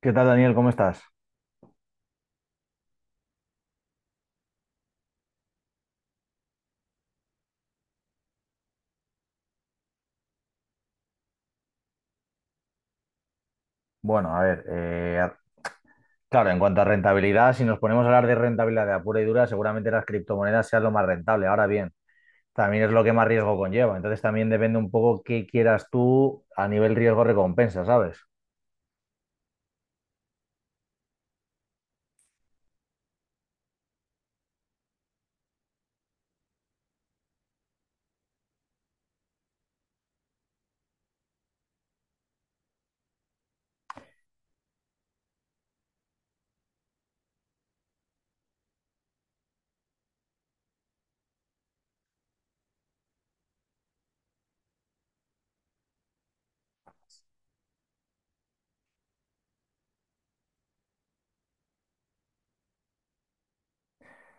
¿Qué tal, Daniel? ¿Cómo estás? Bueno, a ver, claro, en cuanto a rentabilidad, si nos ponemos a hablar de rentabilidad de a pura y dura, seguramente las criptomonedas sean lo más rentable. Ahora bien, también es lo que más riesgo conlleva. Entonces también depende un poco qué quieras tú a nivel riesgo-recompensa, ¿sabes?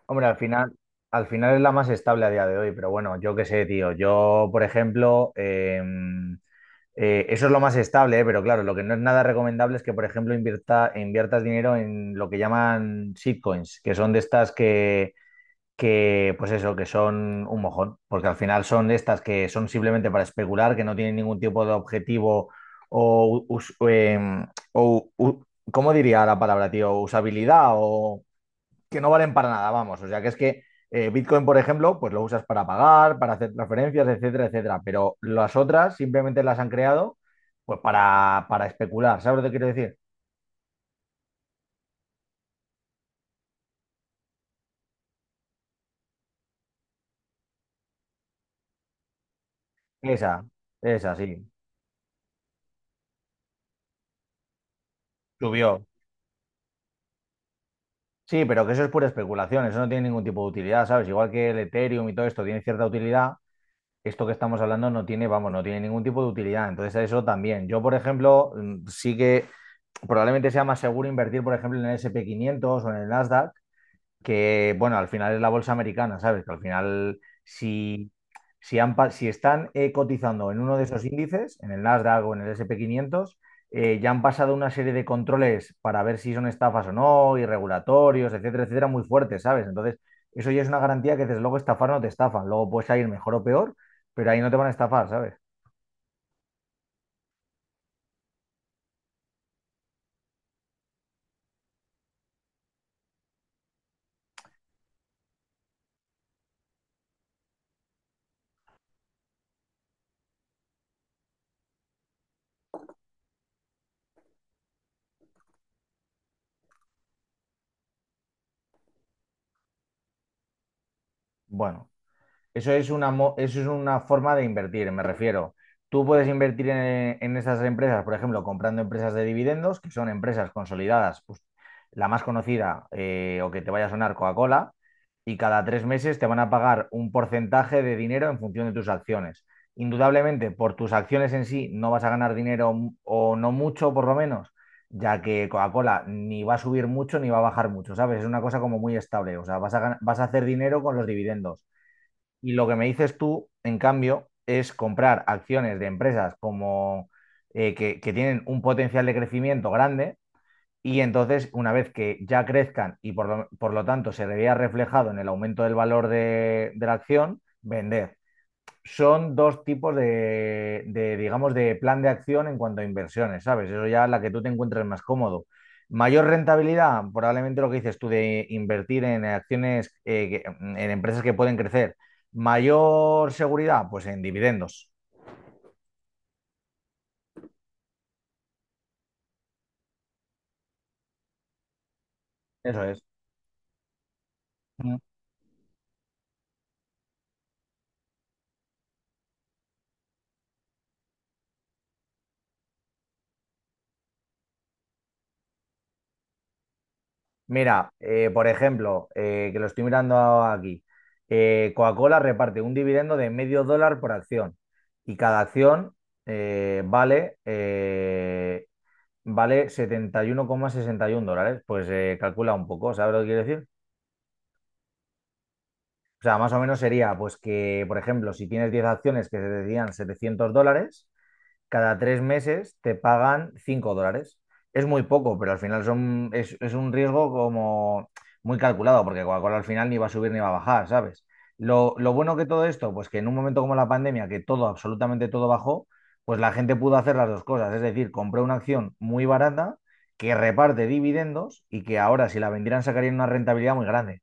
Hombre, al final es la más estable a día de hoy, pero bueno, yo qué sé, tío. Yo, por ejemplo, eso es lo más estable, ¿eh? Pero claro, lo que no es nada recomendable es que, por ejemplo, inviertas dinero en lo que llaman shitcoins, que son de estas que, pues eso, que son un mojón, porque al final son de estas que son simplemente para especular, que no tienen ningún tipo de objetivo o, us- em, o u- ¿cómo diría la palabra, tío? Usabilidad o que no valen para nada, vamos. O sea, que es que Bitcoin, por ejemplo, pues lo usas para pagar, para hacer transferencias, etcétera, etcétera. Pero las otras simplemente las han creado pues para especular. ¿Sabes lo que quiero decir? Esa, esa, sí. Subió. Sí, pero que eso es pura especulación, eso no tiene ningún tipo de utilidad, ¿sabes? Igual que el Ethereum y todo esto tiene cierta utilidad, esto que estamos hablando no tiene, vamos, no tiene ningún tipo de utilidad. Entonces, eso también. Yo, por ejemplo, sí que probablemente sea más seguro invertir, por ejemplo, en el S&P 500 o en el Nasdaq que, bueno, al final es la bolsa americana, ¿sabes? Que al final, si están cotizando en uno de esos índices, en el Nasdaq o en el S&P 500, ya han pasado una serie de controles para ver si son estafas o no, y regulatorios, etcétera, etcétera, muy fuertes, ¿sabes? Entonces, eso ya es una garantía que desde luego estafar no te estafan. Luego puedes salir mejor o peor, pero ahí no te van a estafar, ¿sabes? Bueno. Eso es una forma de invertir, me refiero. Tú puedes invertir en esas empresas, por ejemplo, comprando empresas de dividendos, que son empresas consolidadas, pues, la más conocida o que te vaya a sonar Coca-Cola, y cada 3 meses te van a pagar un porcentaje de dinero en función de tus acciones. Indudablemente, por tus acciones en sí no vas a ganar dinero o no mucho, por lo menos, ya que Coca-Cola ni va a subir mucho ni va a bajar mucho, ¿sabes? Es una cosa como muy estable, o sea, vas a hacer dinero con los dividendos y lo que me dices tú, en cambio, es comprar acciones de empresas como que tienen un potencial de crecimiento grande y entonces, una vez que ya crezcan y por lo tanto se le vea reflejado en el aumento del valor de la acción, vender son dos tipos de, digamos, de plan de acción en cuanto a inversiones, ¿sabes? Eso ya es la que tú te encuentres más cómodo. Mayor rentabilidad, probablemente lo que dices tú de invertir en acciones, en empresas que pueden crecer. Mayor seguridad, pues en dividendos. Eso es. Mm. Mira, por ejemplo, que lo estoy mirando aquí, Coca-Cola reparte un dividendo de medio dólar por acción y cada acción eh, vale eh, vale setenta y uno coma sesenta y uno dólares. Pues calcula un poco, ¿sabes lo que quiero decir? O sea, más o menos sería, pues que, por ejemplo, si tienes 10 acciones que te decían $700, cada 3 meses te pagan $5. Es muy poco, pero al final es un riesgo como muy calculado, porque Coca-Cola al final ni va a subir ni va a bajar, ¿sabes? Lo bueno que todo esto, pues que en un momento como la pandemia, que todo, absolutamente todo bajó, pues la gente pudo hacer las dos cosas. Es decir, compré una acción muy barata que reparte dividendos y que ahora si la vendieran sacarían una rentabilidad muy grande.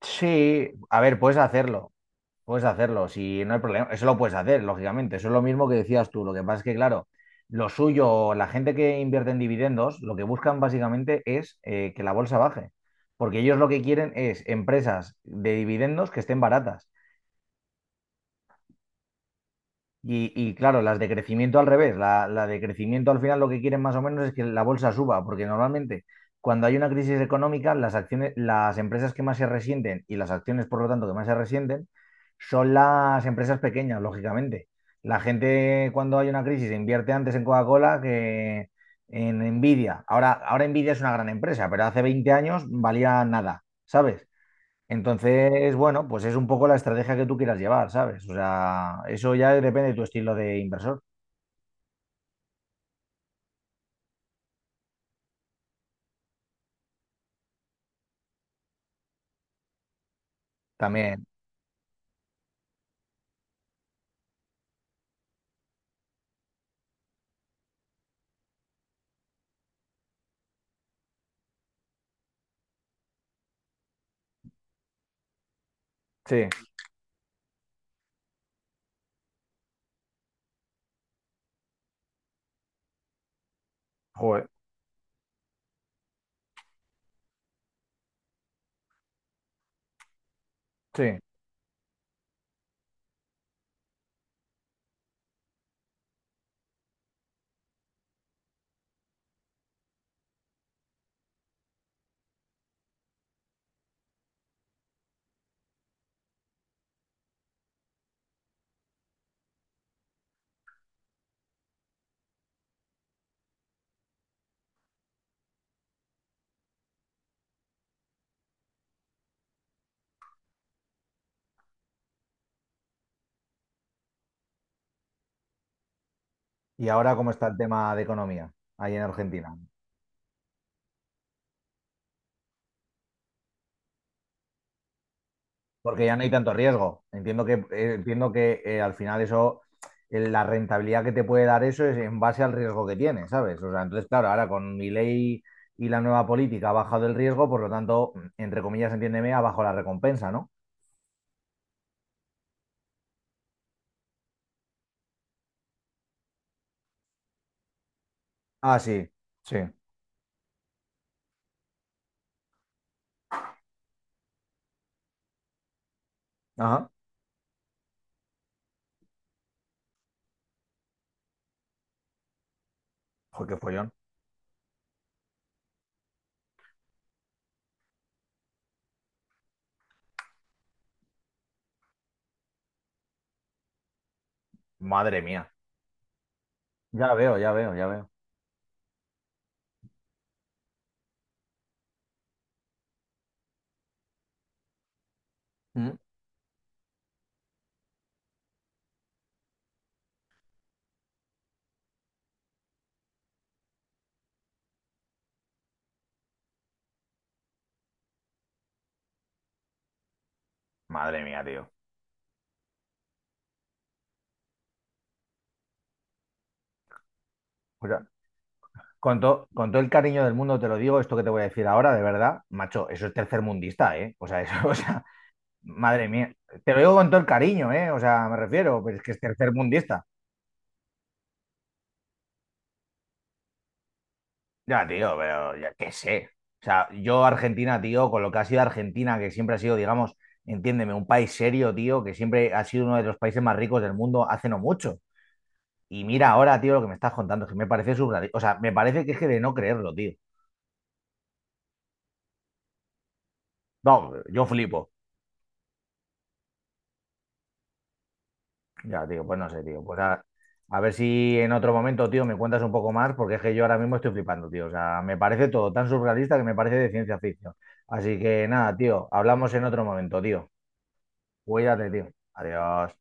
Sí, a ver, puedes hacerlo. Puedes hacerlo, si no hay problema, eso lo puedes hacer, lógicamente. Eso es lo mismo que decías tú. Lo que pasa es que, claro, lo suyo, la gente que invierte en dividendos, lo que buscan básicamente es que la bolsa baje. Porque ellos lo que quieren es empresas de dividendos que estén baratas. Y claro, las de crecimiento al revés, la de crecimiento al final lo que quieren más o menos es que la bolsa suba, porque normalmente cuando hay una crisis económica, las acciones, las empresas que más se resienten y las acciones, por lo tanto, que más se resienten, son las empresas pequeñas, lógicamente. La gente cuando hay una crisis invierte antes en Coca-Cola que en Nvidia. Ahora, ahora Nvidia es una gran empresa, pero hace 20 años valía nada, ¿sabes? Entonces, bueno, pues es un poco la estrategia que tú quieras llevar, ¿sabes? O sea, eso ya depende de tu estilo de inversor. También, sí, joder, sí. ¿Y ahora cómo está el tema de economía ahí en Argentina? Porque ya no hay tanto riesgo. Entiendo que al final eso, la rentabilidad que te puede dar eso es en base al riesgo que tienes, ¿sabes? O sea, entonces, claro, ahora con mi ley y la nueva política ha bajado el riesgo, por lo tanto, entre comillas, entiéndeme, ha bajado la recompensa, ¿no? Ah, sí, sí. Ajá. Joder, qué follón. Madre mía. Ya veo, ya veo, ya veo. Mm. Madre mía, tío. O sea, con todo el cariño del mundo te lo digo, esto que te voy a decir ahora, de verdad, macho, eso es tercermundista, ¿eh? O sea, eso, o sea, madre mía. Te lo digo con todo el cariño, ¿eh? O sea, me refiero, pero es que es tercermundista. Ya, tío, pero ya qué sé. O sea, yo Argentina, tío, con lo que ha sido Argentina, que siempre ha sido, digamos, entiéndeme, un país serio, tío, que siempre ha sido uno de los países más ricos del mundo hace no mucho. Y mira ahora, tío, lo que me estás contando, que me parece surrealista. O sea, me parece que es que de no creerlo, tío. No, yo flipo. Ya, tío, pues no sé, tío. A ver si en otro momento, tío, me cuentas un poco más, porque es que yo ahora mismo estoy flipando, tío. O sea, me parece todo tan surrealista que me parece de ciencia ficción. Así que nada, tío, hablamos en otro momento, tío. Cuídate, tío. Adiós.